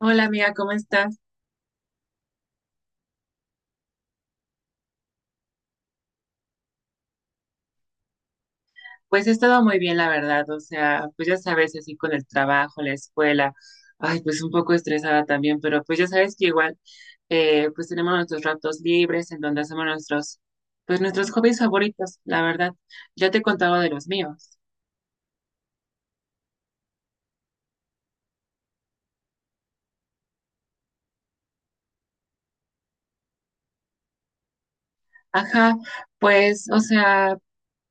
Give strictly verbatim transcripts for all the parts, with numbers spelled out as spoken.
Hola amiga, ¿cómo estás? Pues he estado muy bien, la verdad, o sea, pues ya sabes, así con el trabajo, la escuela, ay, pues un poco estresada también, pero pues ya sabes que igual, eh, pues tenemos nuestros ratos libres en donde hacemos nuestros, pues nuestros hobbies favoritos, la verdad. Ya te he contado de los míos. Ajá, pues, o sea,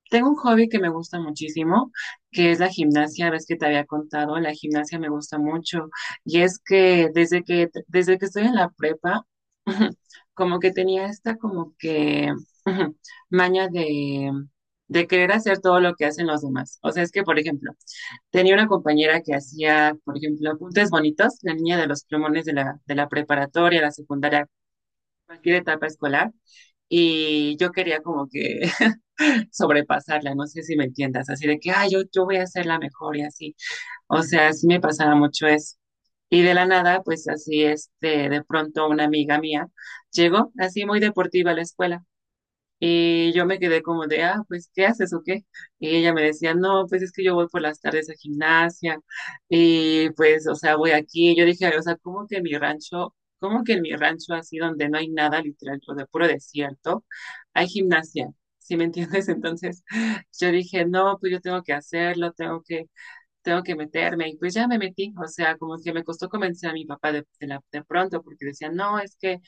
tengo un hobby que me gusta muchísimo, que es la gimnasia. Ves que te había contado, la gimnasia me gusta mucho. Y es que desde que, desde que estoy en la prepa, como que tenía esta como que maña de, de querer hacer todo lo que hacen los demás. O sea, es que, por ejemplo, tenía una compañera que hacía, por ejemplo, apuntes bonitos, la niña de los plumones de la, de la preparatoria, la secundaria, cualquier etapa escolar. Y yo quería como que sobrepasarla, no sé si me entiendas, así de que, ah, yo, yo voy a ser la mejor y así. O sea, sí me pasaba mucho eso. Y de la nada, pues así, este, de pronto una amiga mía llegó así muy deportiva a la escuela y yo me quedé como de, ah, pues, ¿qué haces o qué? Y ella me decía, no, pues es que yo voy por las tardes a gimnasia y pues, o sea, voy aquí. Y yo dije, o sea, ¿cómo que en mi rancho, cómo que en mi rancho así donde no hay nada literal, o de puro desierto, hay gimnasia? ¿Sí me entiendes? Entonces yo dije, no, pues yo tengo que hacerlo, tengo que, tengo que meterme. Y pues ya me metí, o sea, como que me costó convencer a mi papá de, de la- de pronto porque decía, no, es que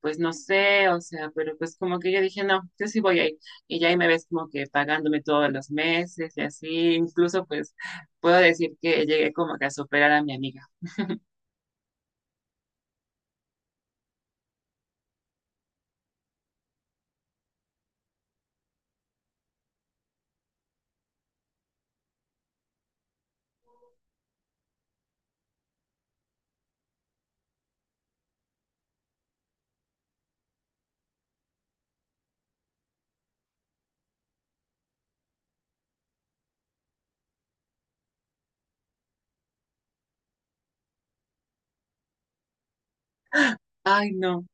pues no sé, o sea, pero pues como que yo dije, no, yo sí voy ahí. Y ya ahí me ves como que pagándome todos los meses y así, incluso pues puedo decir que llegué como que a superar a mi amiga. Ay, no.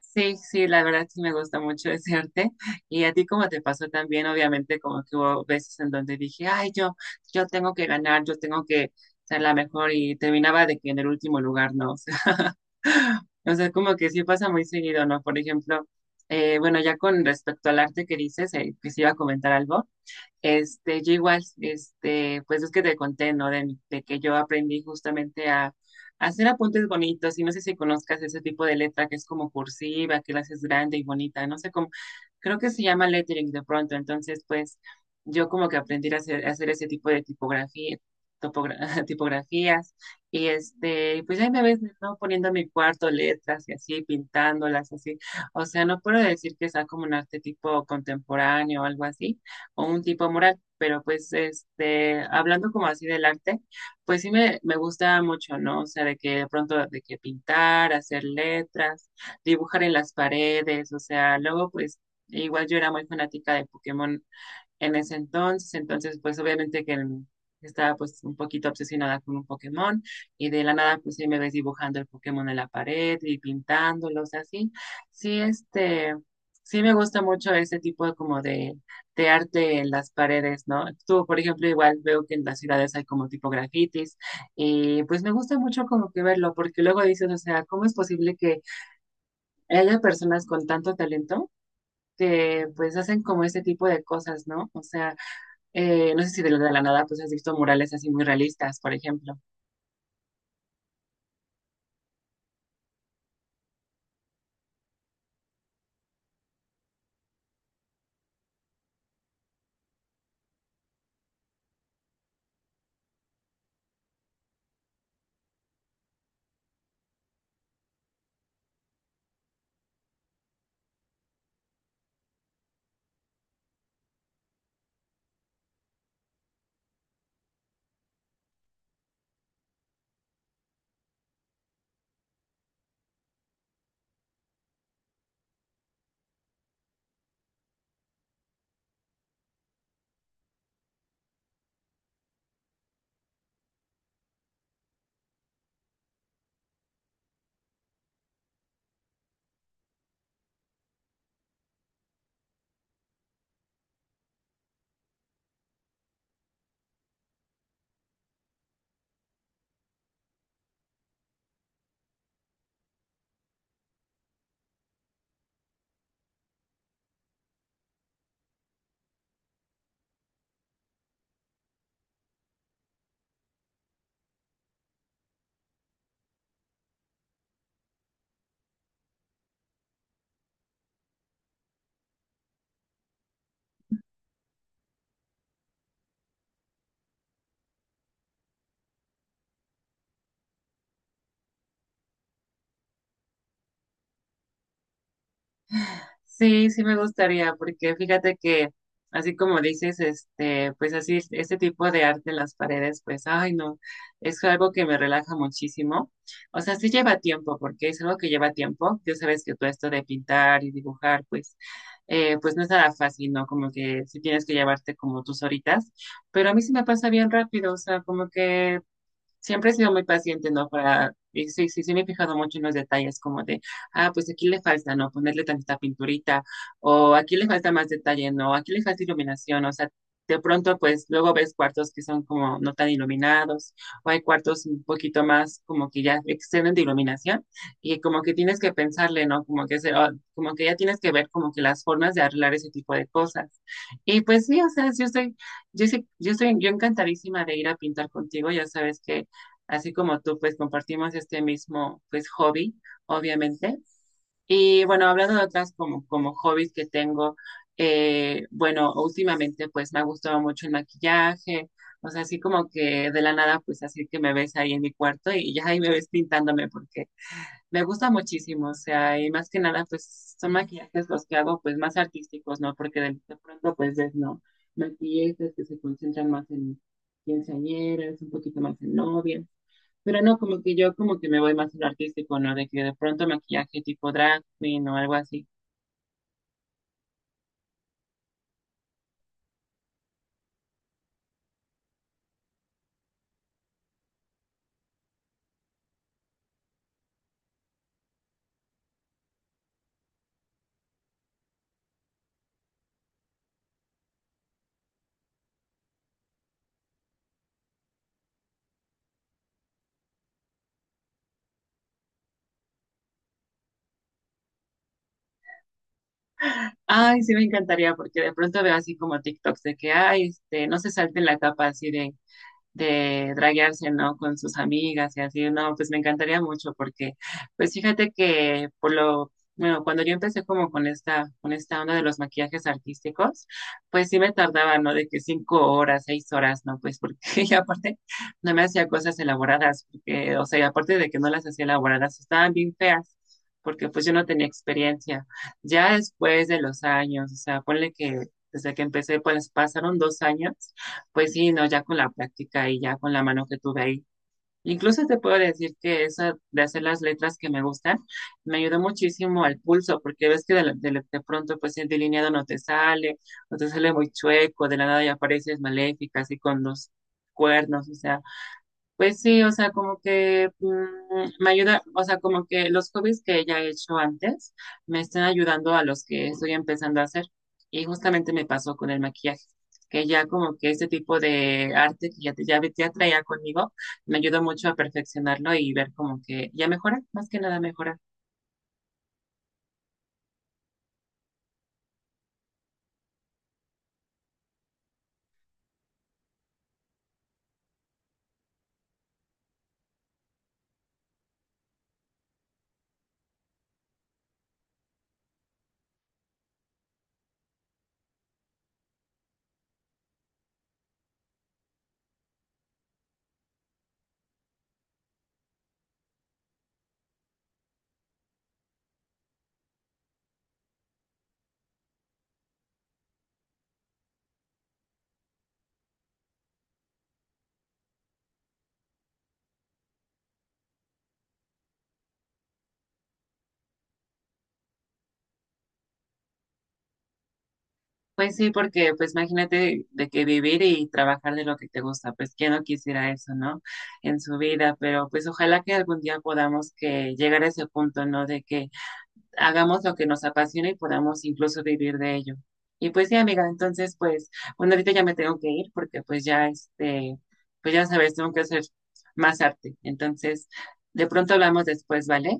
Sí, sí, la verdad sí me gusta mucho ese arte. Y a ti como te pasó también, obviamente, como que hubo veces en donde dije, ay, yo, yo tengo que ganar, yo tengo que ser la mejor y terminaba de que en el último lugar, ¿no? O sea, como que sí pasa muy seguido, ¿no? Por ejemplo, eh, bueno, ya con respecto al arte que dices, eh, que se iba a comentar algo, este, yo igual, este, pues es que te conté, ¿no? De, de que yo aprendí justamente a, a hacer apuntes bonitos y no sé si conozcas ese tipo de letra que es como cursiva, que la haces grande y bonita, no sé cómo, creo que se llama lettering de pronto, entonces pues yo como que aprendí a hacer, a hacer ese tipo de tipografía, topogra- tipografías y este, pues ahí me ves, ¿no? Poniendo en mi cuarto letras y así, pintándolas así, o sea, no puedo decir que sea como un arte tipo contemporáneo o algo así o un tipo mural, pero pues este, hablando como así del arte, pues sí me, me gusta mucho, ¿no? O sea, de que de pronto de que pintar, hacer letras, dibujar en las paredes, o sea, luego pues igual yo era muy fanática de Pokémon en ese entonces. Entonces, pues obviamente que estaba pues un poquito obsesionada con un Pokémon y de la nada pues sí me ves dibujando el Pokémon en la pared y pintándolos así. Sí, sí, este, sí me gusta mucho ese tipo de como de, de arte en las paredes, ¿no? Tú, por ejemplo, igual veo que en las ciudades hay como tipo grafitis y pues me gusta mucho como que verlo porque luego dices, o sea, ¿cómo es posible que haya personas con tanto talento? Que pues hacen como este tipo de cosas, ¿no? O sea, eh, no sé si de la, de la nada pues has visto murales así muy realistas, por ejemplo. Sí, sí me gustaría, porque fíjate que así como dices, este, pues así este tipo de arte en las paredes, pues ay no, es algo que me relaja muchísimo. O sea, sí lleva tiempo, porque es algo que lleva tiempo. Ya sabes que todo esto de pintar y dibujar, pues, eh, pues no es nada fácil, ¿no? Como que sí tienes que llevarte como tus horitas, pero a mí sí me pasa bien rápido, o sea, como que siempre he sido muy paciente, ¿no? Para, y sí, sí, sí me he fijado mucho en los detalles, como de, ah, pues aquí le falta, ¿no? Ponerle tanta pinturita, o aquí le falta más detalle, ¿no? Aquí le falta iluminación, o sea, de pronto, pues luego ves cuartos que son como no tan iluminados, o hay cuartos un poquito más como que ya exceden de iluminación, y como que tienes que pensarle, ¿no? Como que, se, o- como que ya tienes que ver como que las formas de arreglar ese tipo de cosas. Y pues sí, o sea, yo estoy, yo, sí- yo estoy, yo encantadísima de ir a pintar contigo, ya sabes que así como tú, pues compartimos este mismo, pues, hobby, obviamente. Y bueno, hablando de otras como, como hobbies que tengo, eh, bueno, últimamente pues me ha gustado mucho el maquillaje, o sea, así como que de la nada, pues así que me ves ahí en mi cuarto y ya ahí me ves pintándome porque me gusta muchísimo, o sea, y más que nada, pues son maquillajes los que hago pues más artísticos, ¿no? Porque de, de pronto pues ves, ¿no? Maquillistas que se concentran más en quinceañeras, un poquito más en novias. Pero no, como que yo como que me voy más a lo artístico, ¿no? De que de pronto maquillaje tipo drag queen o algo así. Ay, sí me encantaría porque de pronto veo así como TikToks de que, ay, este, no se salten la capa así de de draguearse, ¿no? Con sus amigas y así, no, pues me encantaría mucho porque, pues fíjate que por lo, bueno, cuando yo empecé como con esta, con esta onda de los maquillajes artísticos, pues sí me tardaba, ¿no? De que cinco horas, seis horas, ¿no? Pues porque y aparte no me hacía cosas elaboradas, porque, o sea, y aparte de que no las hacía elaboradas, estaban bien feas, porque pues yo no tenía experiencia. Ya después de los años, o sea, ponle que desde que empecé, pues pasaron dos años, pues sí, no, ya con la práctica y ya con la mano que tuve ahí. Incluso te puedo decir que eso de hacer las letras que me gustan me ayudó muchísimo al pulso, porque ves que de, la- de la- de pronto pues el delineado no te sale, o te sale muy chueco, de la nada ya apareces maléfica, así con los cuernos, o sea, pues sí, o sea, como que mm, me ayuda, o sea, como que los hobbies que ya he hecho antes me están ayudando a los que estoy empezando a hacer. Y justamente me pasó con el maquillaje, que ya como que este tipo de arte que ya, te- ya, ya traía conmigo me ayudó mucho a perfeccionarlo y ver como que ya mejora, más que nada mejora. Pues sí, porque pues imagínate de que vivir y trabajar de lo que te gusta, pues quién no quisiera eso, ¿no? En su vida, pero pues ojalá que algún día podamos que llegar a ese punto, ¿no? De que hagamos lo que nos apasiona y podamos incluso vivir de ello. Y pues sí, amiga, entonces pues, bueno, ahorita ya me tengo que ir porque pues ya este, pues ya sabes, tengo que hacer más arte. Entonces, de pronto hablamos después, ¿vale?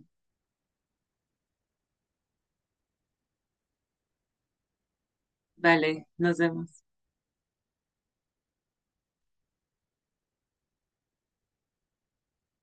Vale, nos vemos.